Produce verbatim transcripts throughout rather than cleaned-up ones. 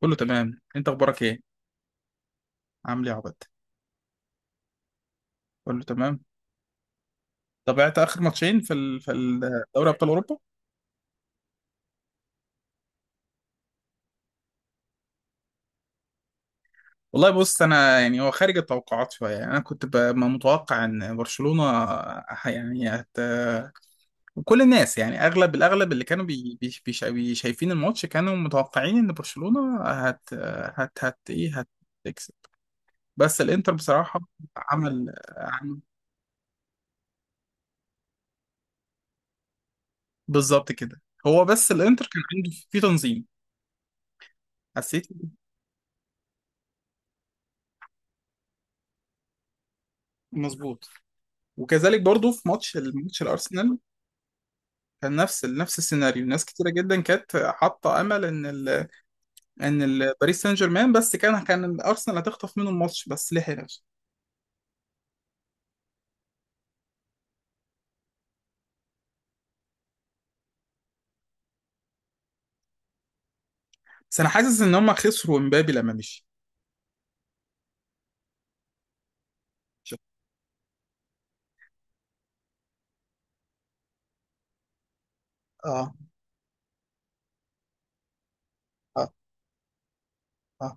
كله تمام. انت اخبارك ايه؟ عامل ايه يا عبد؟ كله تمام. تابعت اخر ماتشين في ال... في ال- دوري ابطال اوروبا؟ والله بص، انا يعني هو خارج التوقعات شويه. يعني انا كنت ب- ما متوقع ان برشلونه ه- يعني هت... كل الناس، يعني اغلب الاغلب اللي كانوا بي... بي... بيش- بي... شايفين الماتش كانوا متوقعين ان برشلونه هت هت هت ايه هتكسب. بس الانتر بصراحه عمل عمل بالظبط كده. هو بس الانتر كان عنده في تنظيم، حسيت. مظبوط. وكذلك برضو في ماتش الماتش الارسنال، كان نفس نفس السيناريو. ناس كتيره جدا كانت حاطه امل ان ال ان ال باريس سان جيرمان، بس كان كان الارسنال هتخطف منه الماتش بس لحق نفسه. بس انا حاسس ان هم خسروا امبابي لما مشي. مش- اه. اه. اه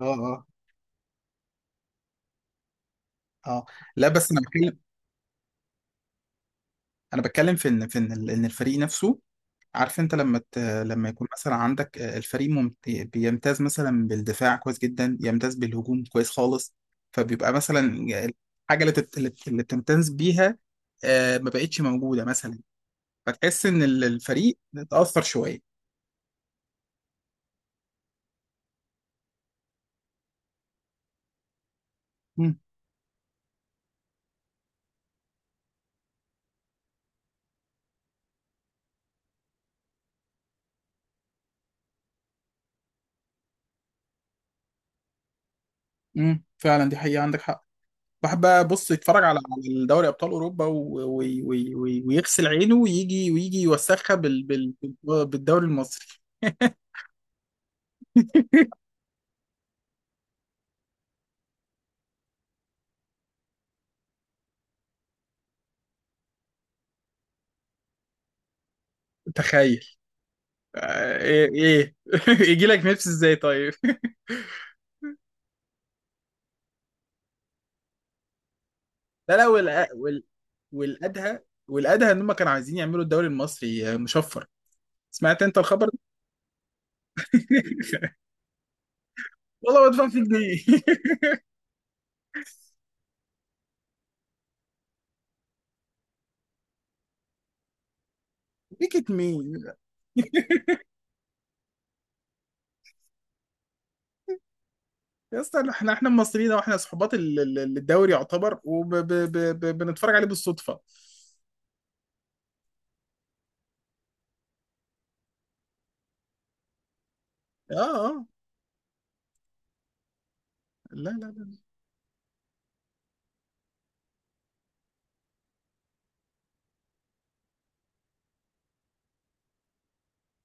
اه اه, آه. لا بس انا بتكلم. انا بتكلم في ان في ان ال- إن الفريق نفسه، عارف انت؟ لما ت... لما يكون مثلا عندك، آه، الفريق ممت... بيمتاز مثلا بالدفاع كويس جدا، يمتاز بالهجوم كويس خالص، فبيبقى مثلا الحاجه اللي, تت... اللي بتمتاز بيها، آه، ما بقتش موجوده مثلا، فتحس ان ال- الفريق اتاثر شويه. امم. امم، فعلا دي حقيقه، عندك حق. واحد بقى بص يتفرج على على دوري ابطال اوروبا و... و... و... ويغسل عينه ويجي ويجي يوسخها بال... بال... بالدوري المصري. تخيل. آه، ايه ايه يجي لك نفس ازاي طيب؟ لا لا، والأ... وال... والادهى، والادهى ان هم كانوا عايزين يعملوا الدوري المصري، آه، مشفر. سمعت انت الخبر ده؟ والله ما ادفع فيه جنيه. بيكت مين؟ يا اسطى، احنا، احنا مصريين، واحنا صحبات ال- ال- الدوري يعتبر، وبنتفرج عليه بالصدفه. اه. اه. لا لا لا.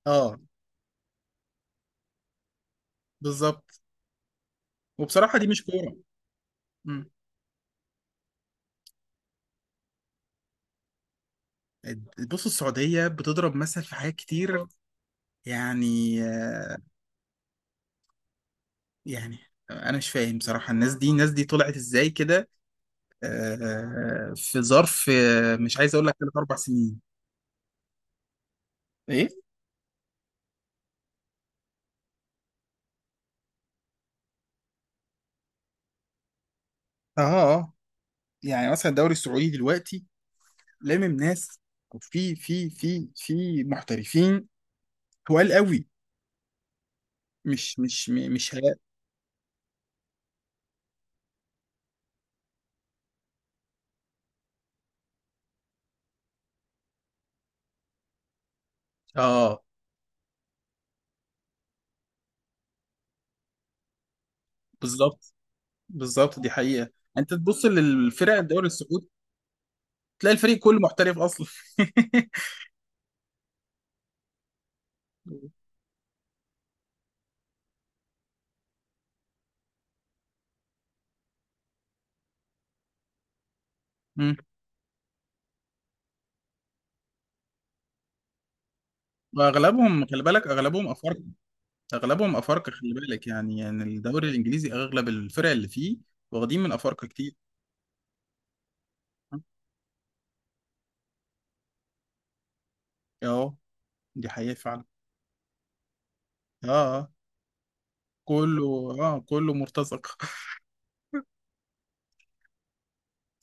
اه، بالظبط. وبصراحه دي مش كوره. مم. بص، السعوديه بتضرب مثل في حاجات كتير، يعني. آه، يعني انا مش فاهم بصراحه، الناس دي، الناس دي طلعت ازاي كده؟ آه، في ظرف، آه، مش عايز اقول لك ثلاث اربع سنين. ايه. اه. اه، يعني مثلا الدوري السعودي دلوقتي لامم ناس، في في في في محترفين تقال قوي، مش مش م- مش هلاقي. اه، بالظبط. بالظبط دي حقيقه. انت تبص للفرق الدوري السعودي تلاقي الفريق كله محترف اصلا. مم. واغلبهم خلي بالك، اغلبهم افارقه. اغلبهم افارقه، خلي بالك يعني، يعني الدوري الانجليزي اغلب الفرق اللي فيه واخدين من افارقه كتير. اه، دي حقيقه فعلا. اه. آه. كله. اه، كله مرتزق.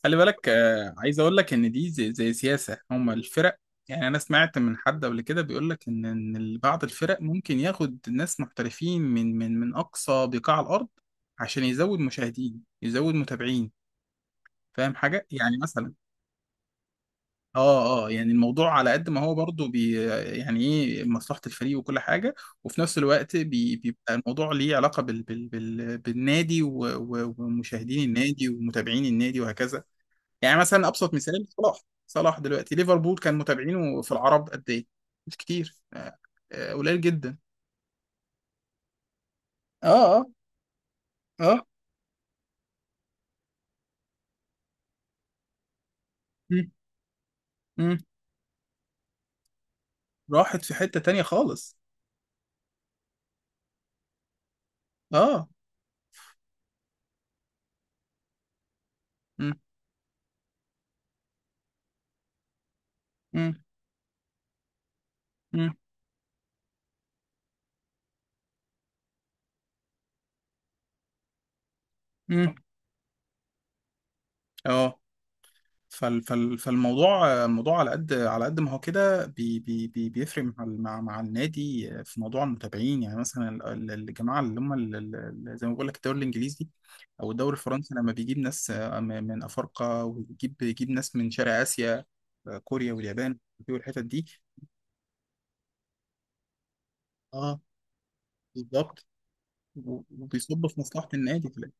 خلي بالك، آه، عايز اقول لك ان دي زي, زي سياسه هم الفرق. يعني انا سمعت من حد قبل كده بيقول لك ان ان ال- بعض الفرق ممكن ياخد ناس محترفين من من من اقصى بقاع الارض عشان يزود مشاهدين، يزود متابعين. فاهم حاجه؟ يعني مثلا، اه، اه، يعني الموضوع على قد ما هو برضه بي يعني ايه مصلحة الفريق وكل حاجة. وفي نفس الوقت بي بيبقى الموضوع ليه علاقة بال بال بال بالنادي، و- و- ومشاهدين النادي ومتابعين النادي وهكذا. يعني مثلا أبسط مثال، صلاح. صلاح دلوقتي ليفربول، كان متابعينه في العرب قد ايه؟ مش كتير. آه، آه، قليل جدا. اه. اه. اه. مم. مم. راحت في حتة تانية خالص. اه. مم. مم. مم. مم. اه، فال فال فالموضوع، الموضوع على قد على قد ما هو كده بي بي بي بيفرق مع ال- مع مع النادي في موضوع المتابعين. يعني مثلا ال- ال- الجماعه اللي هم ال- ال- ال- زي ما بقول لك، الدوري الانجليزي او الدوري الفرنسي لما بيجيب ناس، آه، م- من افارقه، ويجيب بيجيب ناس من شرق اسيا، آه، كوريا واليابان والحتت دي. اه، بالظبط. و- وبيصب في مصلحه النادي في الاخر.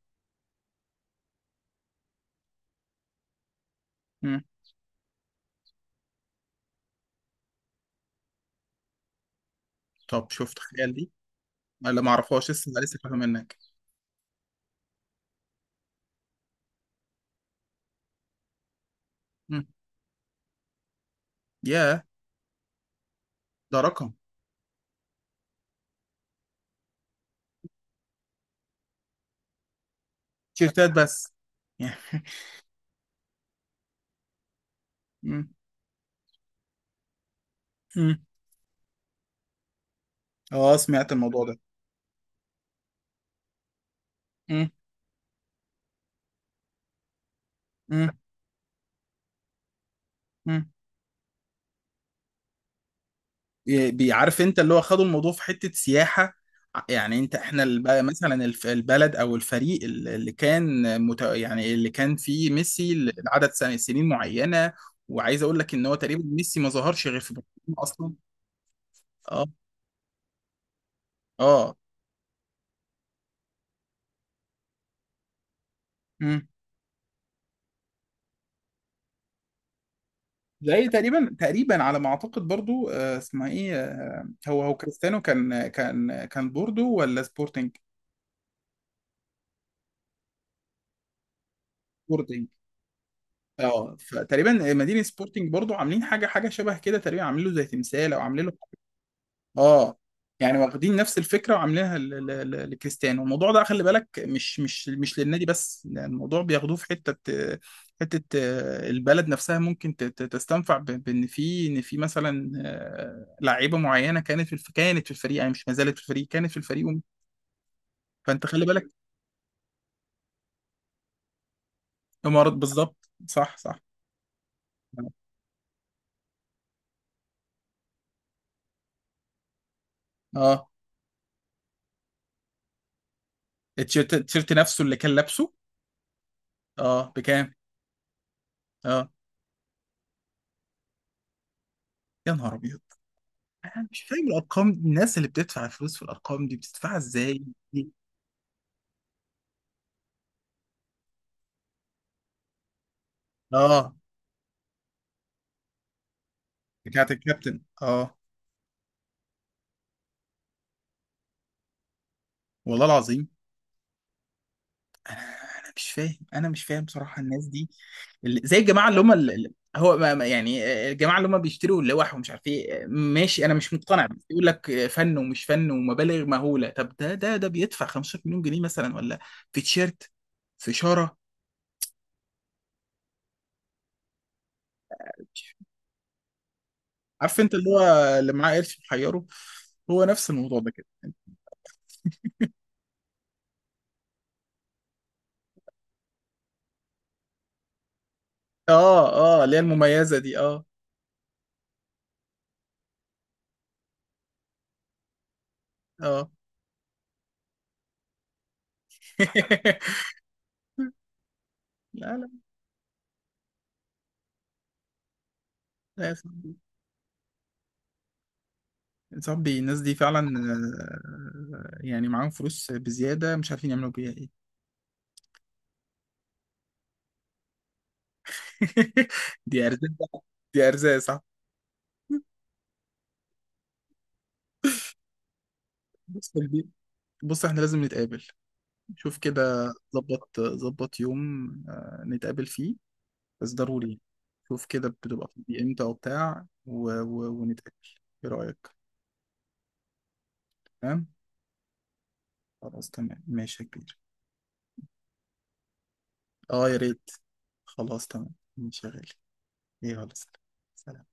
مم. طب شفت خيال دي؟ انا ما اعرفهاش لسه، لسه فاهم منك. مم. ياه. ده رقم. تيشيرتات بس؟ مم. مم. اه، سمعت الموضوع ده. مم. مم. مم. ي- بيعرف انت، اللي هو خدوا الموضوع في حتة سياحة. ع- يعني انت، احنا الب- مثلا الف- البلد او الفريق ال- اللي كان مت... يعني اللي كان فيه ميسي لعدد سن- سنين معينة. وعايز اقول لك ان هو تقريبا ميسي ما ظهرش غير في برشلونة اصلا. اه. اه. مم. زي تقريبا، تقريبا على ما اعتقد برضو، آه، اسمها ايه، آه، هو هو كريستيانو كان كان كان بوردو ولا سبورتنج؟ اه، فتقريبا مدينة سبورتنج برضو عاملين حاجة حاجة شبه كده، تقريبا عاملين له زي تمثال او عاملين له. اه، يعني واخدين نفس الفكرة وعاملينها ل- ل- ل- لكريستيانو. الموضوع ده خلي بالك مش مش مش للنادي بس، يعني الموضوع بياخدوه في حتة حتة آه، البلد نفسها ممكن ت- ت- تستنفع ب- بان في ان في مثلا، آه، لعيبة معينة كانت في الف... كانت في الفريق. يعني مش ما زالت في الفريق، كانت في الفريق. فانت خلي بالك. امارات، بالظبط. صح، صح. اه، التيشيرت، التيشيرت نفسه اللي كان لابسه؟ اه، بكام؟ اه، يا نهار ابيض. انا مش فاهم الارقام دي، الناس اللي بتدفع فلوس في الارقام دي بتدفعها ازاي؟ دي. اه. بتاعت الكابتن، اه. والله العظيم. انا، انا مش فاهم، انا مش فاهم بصراحه الناس دي، اللي- زي الجماعه اللي هم اللي اللي- هو ما- ما- يعني آه، الجماعه اللي هم بيشتروا اللوح ومش عارف ايه، آه، ماشي، انا مش مقتنع. بس يقول لك آه، فن ومش فن، ومبالغ مهوله. طب ده ده ده بيدفع خمسة عشر مليون جنيه مثلا ولا في تيشيرت، في شاره؟ عارف انت اللي هو اللي معاه قرش محيره، هو نفس الموضوع ده. اه. اه، اللي هي المميزة دي، اه. اه. لا لا لا، يا صاحبي. يا صاحبي الناس دي فعلا، آه، يعني معاهم فلوس بزيادة مش عارفين يعملوا بيها ايه. دي ارزاق بقى. دي ارزاق، صح. بص يا كبير. بص، احنا لازم نتقابل. شوف كده، ظبط ظبط يوم، آه، نتقابل فيه، بس ضروري يعني. شوف كده بتبقى فاضي امتى، وبتاع و... و... ونتقابل. ايه رأيك؟ تمام. خلاص، تمام، ماشي يا كبير. اه، يا ريت. خلاص، تمام، ماشي يا غالي. إيه، يلا سلام. سلام.